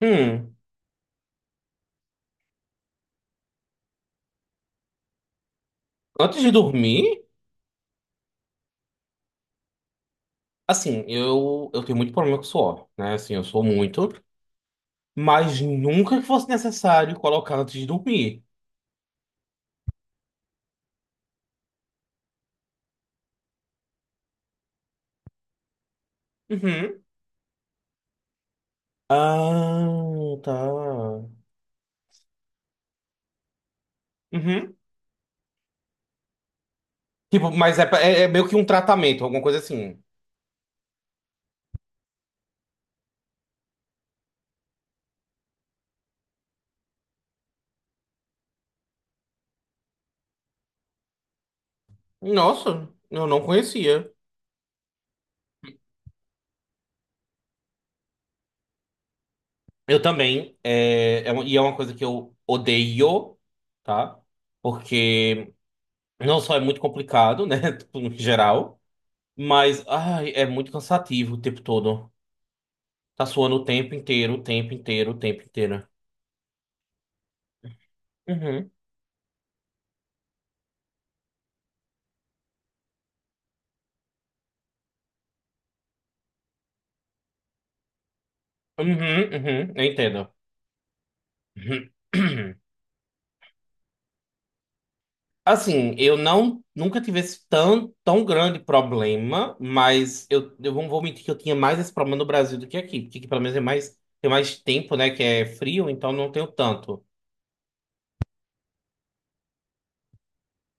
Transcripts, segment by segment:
Hum, antes de dormir, assim, eu tenho muito problema com suor, né? Assim, eu sou muito, mas nunca que fosse necessário colocar antes de dormir. Uhum. Ah, tá. Uhum. Tipo, mas é meio que um tratamento, alguma coisa assim. Nossa, eu não conhecia. Eu também, e é uma coisa que eu odeio, tá? Porque não só é muito complicado, né? Tipo, no geral, mas ai, é muito cansativo o tempo todo. Tá suando o tempo inteiro, o tempo inteiro, o tempo inteiro. Uhum, uhum, uhum, eu entendo. Uhum. Assim, eu não nunca tive esse tão, tão grande problema, mas eu não vou mentir que eu tinha mais esse problema no Brasil do que aqui, porque aqui pelo menos é mais, tem mais tempo, né, que é frio, então não tenho tanto.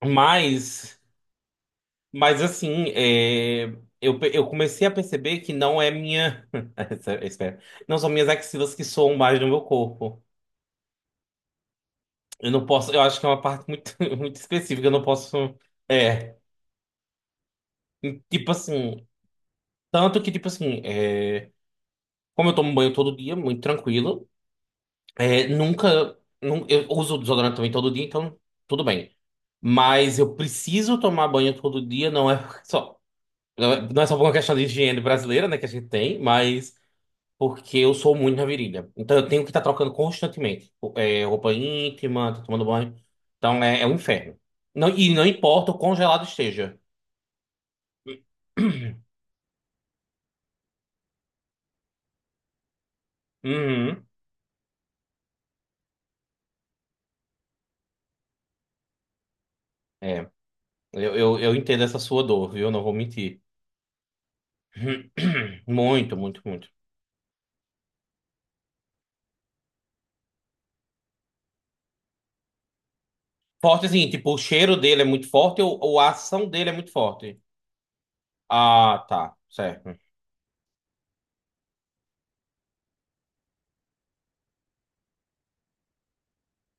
Mas, mas assim, é, eu comecei a perceber que não é minha, espera, não são minhas axilas que soam mais no meu corpo. Eu não posso, eu acho que é uma parte muito, muito específica, eu não posso. É, tipo assim, tanto que, tipo assim, é, como eu tomo banho todo dia, muito tranquilo, é, nunca, nun- eu uso desodorante também todo dia, então tudo bem. Mas eu preciso tomar banho todo dia, não é só, não é só por uma questão de higiene brasileira, né, que a gente tem, mas porque eu sou muito na virilha. Então eu tenho que estar trocando constantemente. É, roupa íntima, tô tomando banho. Então é um inferno. Não, e não importa o congelado esteja. Uhum. É, eu entendo essa sua dor, viu? Não vou mentir. Muito, muito, muito. Forte assim, tipo, o cheiro dele é muito forte ou a ação dele é muito forte? Ah, tá, certo.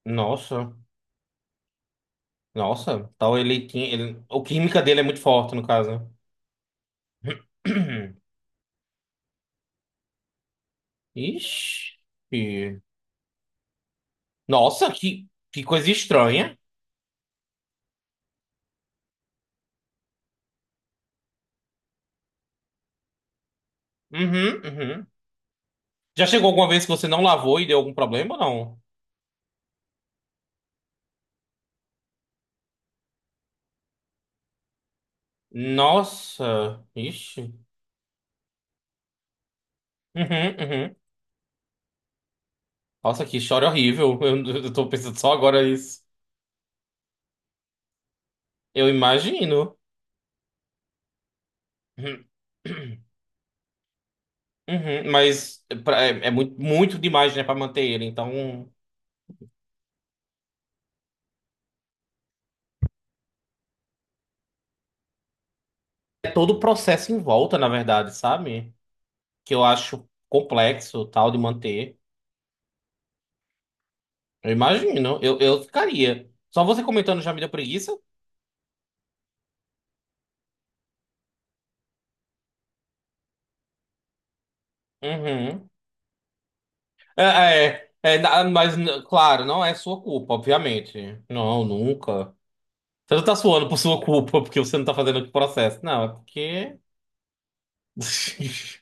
Nossa, nossa. Então ele tinha. O química dele é muito forte, no caso. Ixi. Nossa, que coisa estranha. Uhum, uhum. Já chegou alguma vez que você não lavou e deu algum problema ou não? Nossa, ixi. Uhum, uhum. Nossa, que história horrível. Eu tô pensando só agora isso. Eu imagino. Uhum, uhum. Mas é, é muito, muito demais, né, pra manter ele. Então, é todo o processo em volta, na verdade, sabe? Que eu acho complexo, tal, de manter. Eu imagino. Eu ficaria. Só você comentando já me deu preguiça? Uhum. É. Claro, não é sua culpa, obviamente. Não, nunca. Você não tá suando por sua culpa, porque você não tá fazendo o processo. Não, é porque.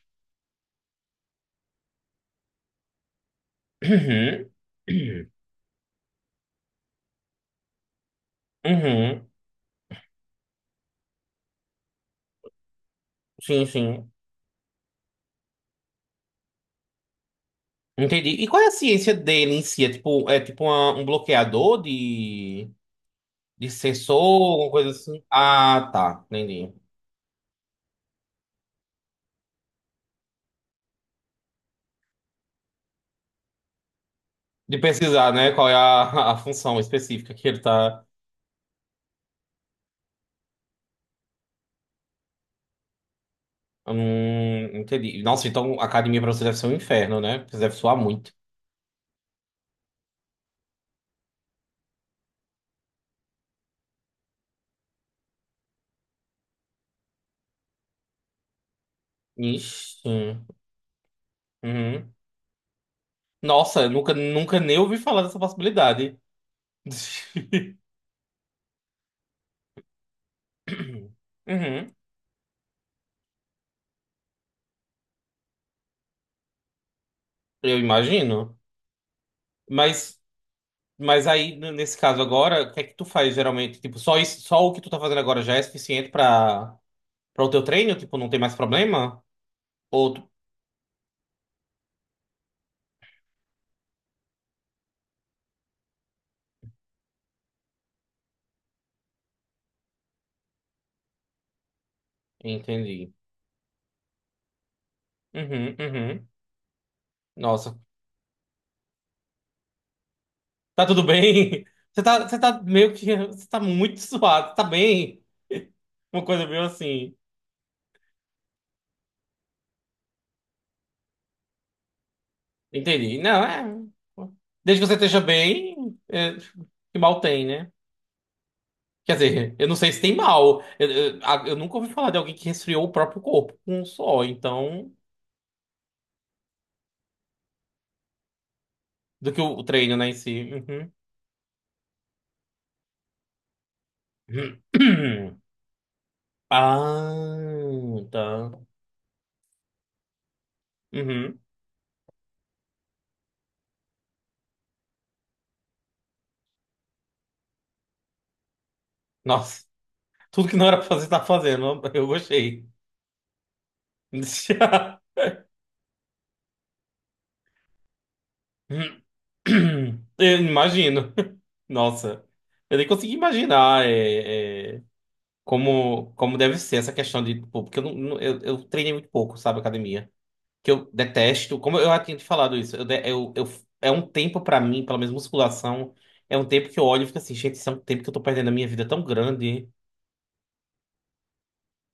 Uhum. Uhum. Sim, sim. Entendi. E qual é a ciência dele em si? É tipo, um bloqueador de sensor, alguma coisa assim? Ah, tá. Entendi. De pesquisar, né? Qual é a, a função específica que ele tá. Entendi. Nossa, então a academia pra você deve ser um inferno, né? Porque você deve suar muito. Ixi. Uhum. Nossa, eu nunca, nunca nem ouvi falar dessa possibilidade. Uhum. Eu imagino. Mas, mas aí, nesse caso agora, o que é que tu faz geralmente? Tipo, só isso, só o que tu tá fazendo agora já é suficiente pra, para o teu treino? Tipo, não tem mais problema? Ou tu. Entendi. Uhum, uhum. Nossa, tá tudo bem? Você tá meio que. Você tá muito suado, tá bem? Uma coisa meio assim. Entendi. Não, é. Desde que você esteja bem, é, que mal tem, né? Quer dizer, eu não sei se tem mal. Eu nunca ouvi falar de alguém que resfriou o próprio corpo com um só, então. Do que o treino, né, em si. Uhum. Ah, tá. Uhum. Nossa, tudo que não era pra fazer, tá fazendo. Eu gostei. Eu imagino. Nossa, eu nem consigo imaginar como deve ser essa questão de, tipo, porque eu, não, não- eu treinei muito pouco, sabe, academia. Que eu detesto, como eu já tinha te falado isso, eu, de- eu- é um tempo pra mim, pelo menos musculação, é um tempo que eu olho e fico assim, gente, isso é um tempo que eu tô perdendo a minha vida tão grande.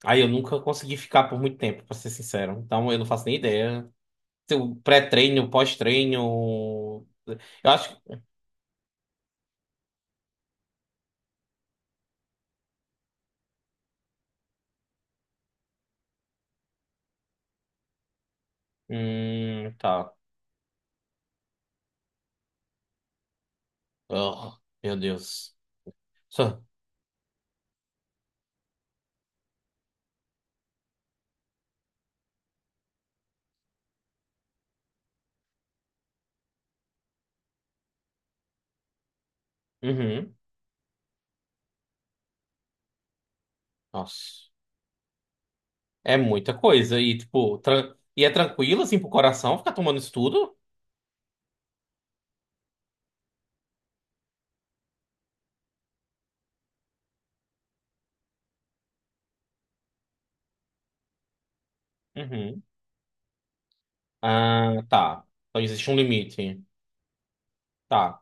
Aí eu nunca consegui ficar por muito tempo, pra ser sincero. Então eu não faço nem ideia. Se o pré-treino, pós-treino. Eu acho que. Tá. Oh, meu Deus. Só. Uhum. Nossa. É muita coisa. E, tipo, e é tranquilo, assim, pro coração ficar tomando isso tudo? Uhum. Ah, tá. Então existe um limite. Tá.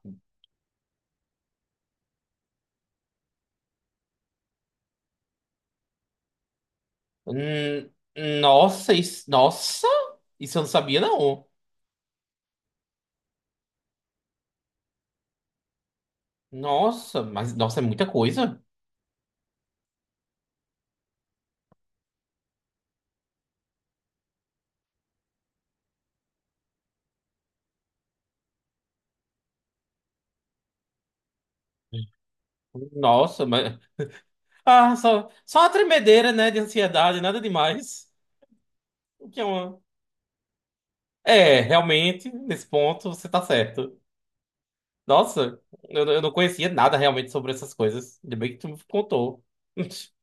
Hum, nossa, isso. Nossa! Isso eu não sabia, não. Nossa, mas. Nossa, é muita coisa. Nossa, mas. Ah, só uma tremedeira, né, de ansiedade, nada demais. O que é uma. É, realmente, nesse ponto, você tá certo. Nossa, eu não conhecia nada realmente sobre essas coisas. Ainda bem que tu me contou.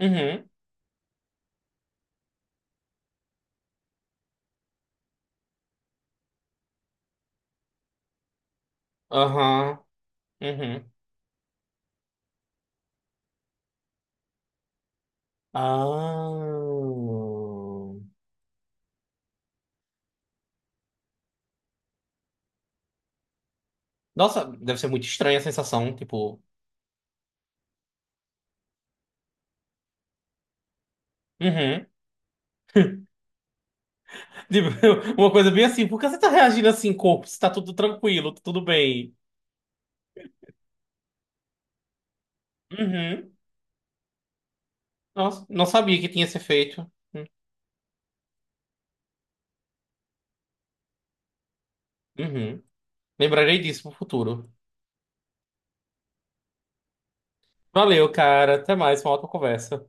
Uhum, aham, uhum. Ah. Nossa, deve ser muito estranha a sensação, tipo. Uhum. Tipo, uma coisa bem assim, por que você tá reagindo assim, corpo? Se tá tudo tranquilo, tá tudo bem. Uhum. Nossa, não sabia que tinha esse efeito. Uhum. Lembrarei disso pro futuro. Valeu, cara. Até mais, uma ótima conversa.